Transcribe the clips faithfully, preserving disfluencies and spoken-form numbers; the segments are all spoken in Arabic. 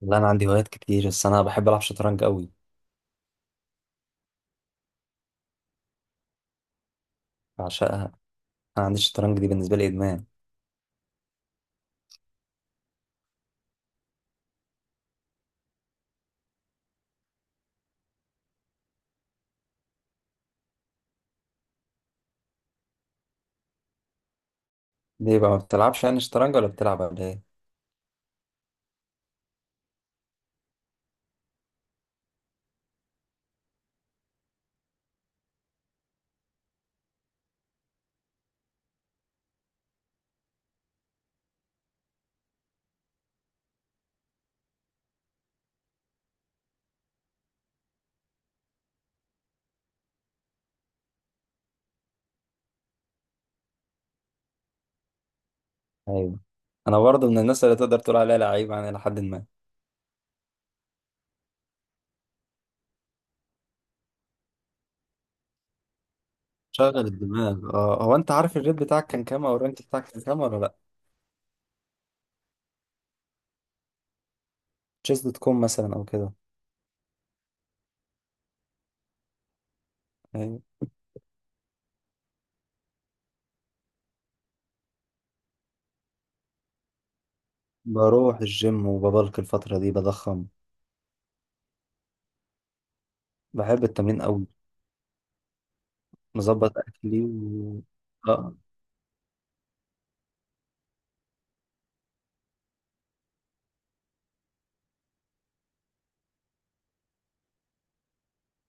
لا، انا عندي هوايات كتير بس انا بحب العب شطرنج قوي. بعشقها. انا عندي الشطرنج دي بالنسبه لي ادمان. ليه بقى ما بتلعبش يعني شطرنج ولا بتلعب ولا ايه؟ ايوه، انا برضه من الناس اللي تقدر تقول عليها لعيب يعني الى حد ما. شغل الدماغ. اه، هو انت عارف الريت بتاعك كان كام او الرانك بتاعك كان كام ولا لا؟ تشيس دوت كوم مثلا او كده؟ ايوه. بروح الجيم وببلك الفتره دي بضخم. بحب التمرين قوي. مظبط اكلي و... اه،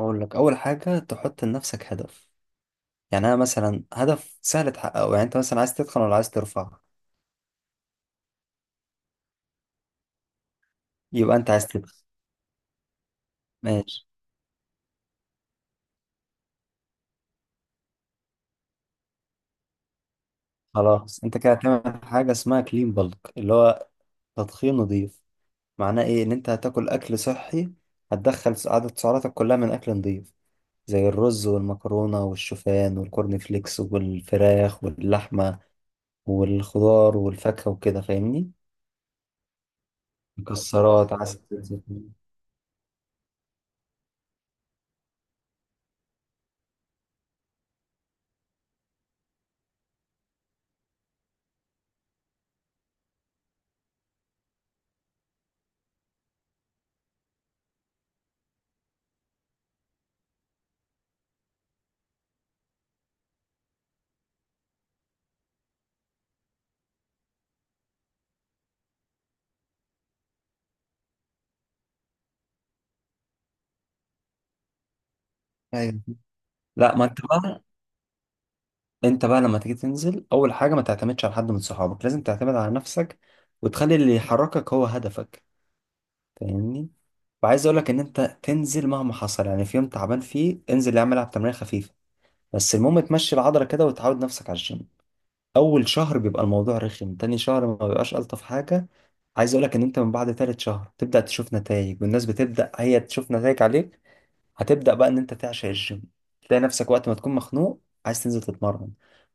اقول لك اول حاجه تحط لنفسك هدف. يعني انا مثلا هدف سهل تحققه. يعني انت مثلا عايز تدخن ولا عايز ترفع؟ يبقى انت عايز تدخن. ماشي. خلاص انت كده هتعمل حاجه اسمها كلين بالك اللي هو تدخين نظيف. معناه ايه؟ ان انت هتاكل اكل صحي، هتدخل س- عدد سعراتك كلها من اكل نظيف، زي الرز والمكرونه والشوفان والكورن فليكس والفراخ واللحمه والخضار والفاكهه وكده. فاهمني؟ مكسرات، عسل، زيتون. ايوه. لا، ما انت بقى انت بقى لما تيجي تنزل اول حاجه ما تعتمدش على حد من صحابك، لازم تعتمد على نفسك وتخلي اللي يحركك هو هدفك. فاهمني؟ وعايز اقول لك ان انت تنزل مهما حصل، يعني في يوم تعبان فيه انزل اعمل العب تمرين خفيفه، بس المهم تمشي العضله كده وتعود نفسك على الجيم. اول شهر بيبقى الموضوع رخم، تاني شهر ما بيبقاش، الطف حاجه. عايز اقول لك ان انت من بعد تالت شهر تبدا تشوف نتائج، والناس بتبدا هي تشوف نتائج عليك. هتبدأ بقى ان انت تعشق الجيم، تلاقي نفسك وقت ما تكون مخنوق عايز تنزل تتمرن،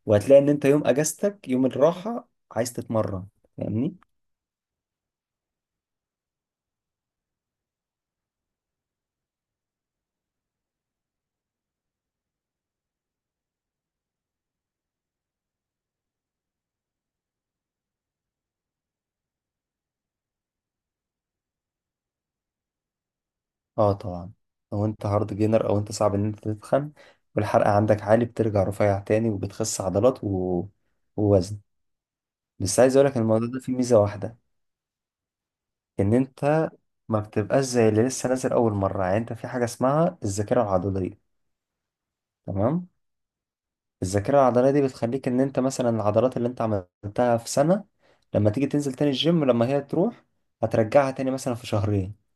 وهتلاقي ان انت يوم اجازتك يوم الراحة عايز تتمرن. فاهمني؟ اه، طبعا. لو انت هارد جينر او انت صعب ان انت تتخن والحرق عندك عالي، بترجع رفيع تاني وبتخس عضلات و... ووزن. بس عايز اقولك إن الموضوع ده فيه ميزة واحدة، ان انت ما بتبقاش زي اللي لسه نازل اول مرة. يعني انت في حاجة اسمها الذاكرة العضلية، تمام؟ الذاكرة العضلية دي بتخليك ان انت مثلا العضلات اللي انت عملتها في سنة، لما تيجي تنزل تاني الجيم لما هي تروح، هترجعها تاني مثلا في شهرين.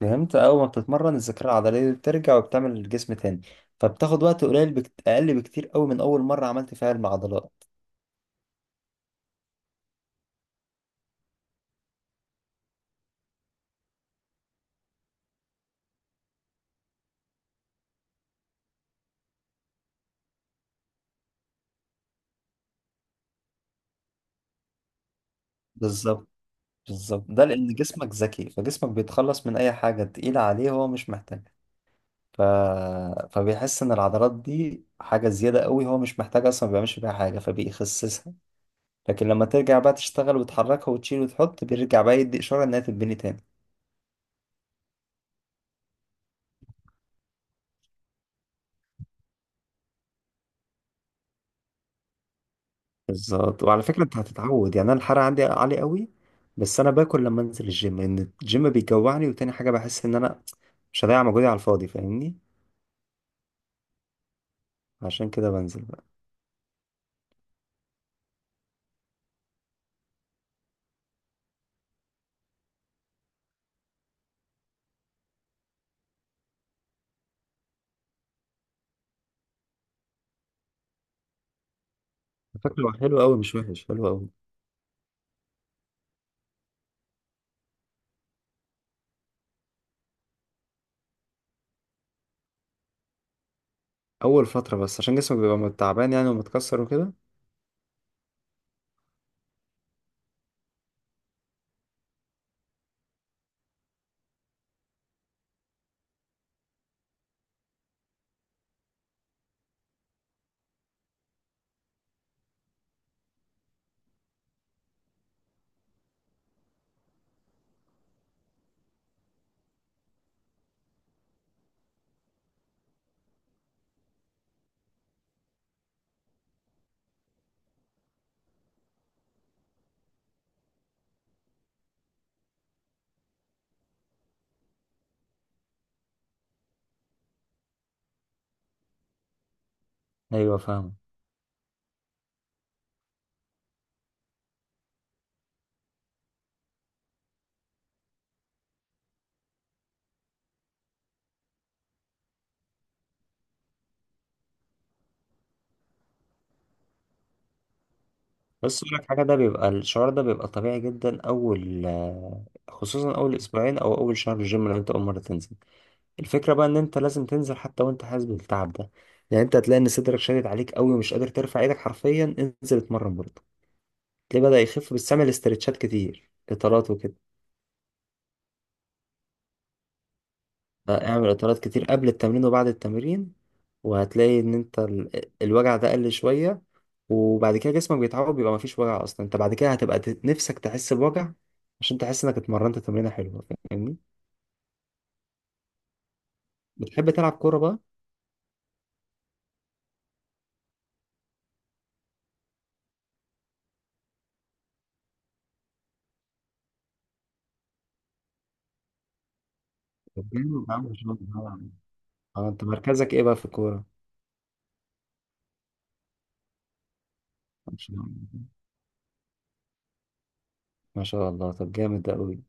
فهمت؟ اول ما بتتمرن الذاكرة العضلية دي بترجع وبتعمل الجسم تاني، فبتاخد وقت قليل بكت... اقل بكتير قوي من اول مرة عملت فيها العضلات. بالظبط. بالظبط، ده لان جسمك ذكي، فجسمك بيتخلص من اي حاجة تقيلة عليه هو مش محتاجها. ف... فبيحس ان العضلات دي حاجة زيادة قوي، هو مش محتاج اصلا، ما بيعملش بيها حاجة فبيخسسها. لكن لما ترجع بقى تشتغل وتحركها وتشيل وتحط، بيرجع بقى يدي إشارة إنها تتبني تاني. بالظبط. وعلى فكرة انت هتتعود، يعني انا الحرق عندي عالي قوي، بس انا باكل لما انزل الجيم لان الجيم بيجوعني، وتاني حاجة بحس ان انا مش هضيع مجهودي على الفاضي. فاهمني؟ عشان كده بنزل بقى. فاكره حلو قوي، مش وحش، حلو قوي. اول فترة بس عشان جسمك بيبقى تعبان يعني ومتكسر وكده. ايوه، فاهم. بس اقول لك حاجة، ده بيبقى الشعور ده بيبقى طبيعي جدا اول، خصوصا اول اسبوعين او اول شهر الجيم لو انت اول مرة تنزل. الفكرة بقى ان انت لازم تنزل حتى وانت حاسس بالتعب ده. يعني انت هتلاقي ان صدرك شادد عليك قوي ومش قادر ترفع ايدك حرفيا، انزل اتمرن برضه، تلاقيه بدأ يخف. بس اعمل استرتشات كتير، اطالات وكده. آه، اعمل اطالات كتير قبل التمرين وبعد التمرين، وهتلاقي ان انت ال- الوجع ده قل شوية. وبعد كده جسمك بيتعود، بيبقى مفيش وجع اصلا. انت بعد كده هتبقى ت- نفسك تحس بوجع عشان تحس انك اتمرنت تمرينة حلوة. فاهمني؟ بتحب تلعب كورة بقى؟ طب جامد يا عم، ما شاء الله. اه، انت مركزك ايه بقى في الكورة؟ ما شاء الله. ما شاء الله، طب جامد ده قوي.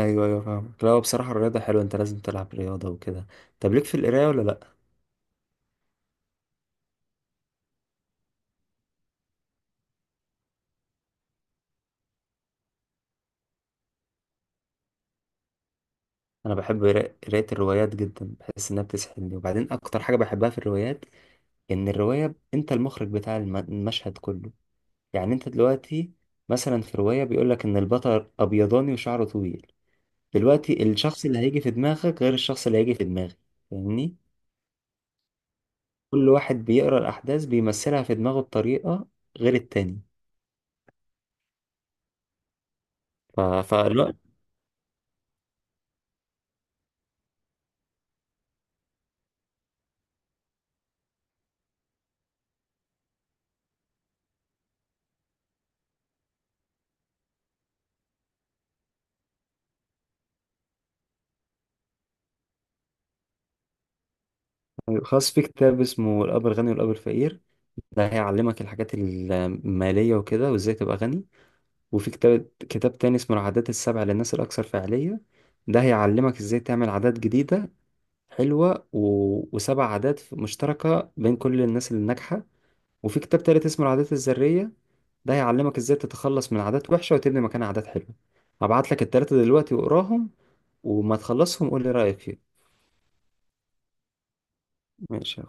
ايوه ايوه، فاهم. لا، هو بصراحه الرياضه حلوه، انت لازم تلعب رياضه وكده. طب ليك في القرايه ولا لا؟ انا بحب قرا- قرايه الروايات جدا، بحس انها بتسحلني. وبعدين اكتر حاجه بحبها في الروايات ان الروايه انت المخرج بتاع الم- المشهد كله. يعني انت دلوقتي مثلا في روايه بيقول لك ان البطل ابيضاني وشعره طويل، دلوقتي الشخص اللي هيجي في دماغك غير الشخص اللي هيجي في دماغي. فاهمني؟ كل واحد بيقرا الاحداث بيمثلها في دماغه بطريقه غير التاني. ف... فالو- خاص في كتاب اسمه الأب الغني والأب الفقير، ده هيعلمك الحاجات المالية وكده وازاي تبقى غني. وفي كتاب كتاب تاني اسمه العادات السبع للناس الأكثر فعالية، ده هيعلمك ازاي تعمل عادات جديدة حلوة و... وسبع عادات مشتركة بين كل الناس اللي ناجحة. وفي كتاب تالت اسمه العادات الذرية، ده هيعلمك ازاي تتخلص من عادات وحشة وتبني مكانها عادات حلوة. هبعت لك التلاتة دلوقتي واقراهم، وما تخلصهم قول لي رأيك فيهم. ماشي.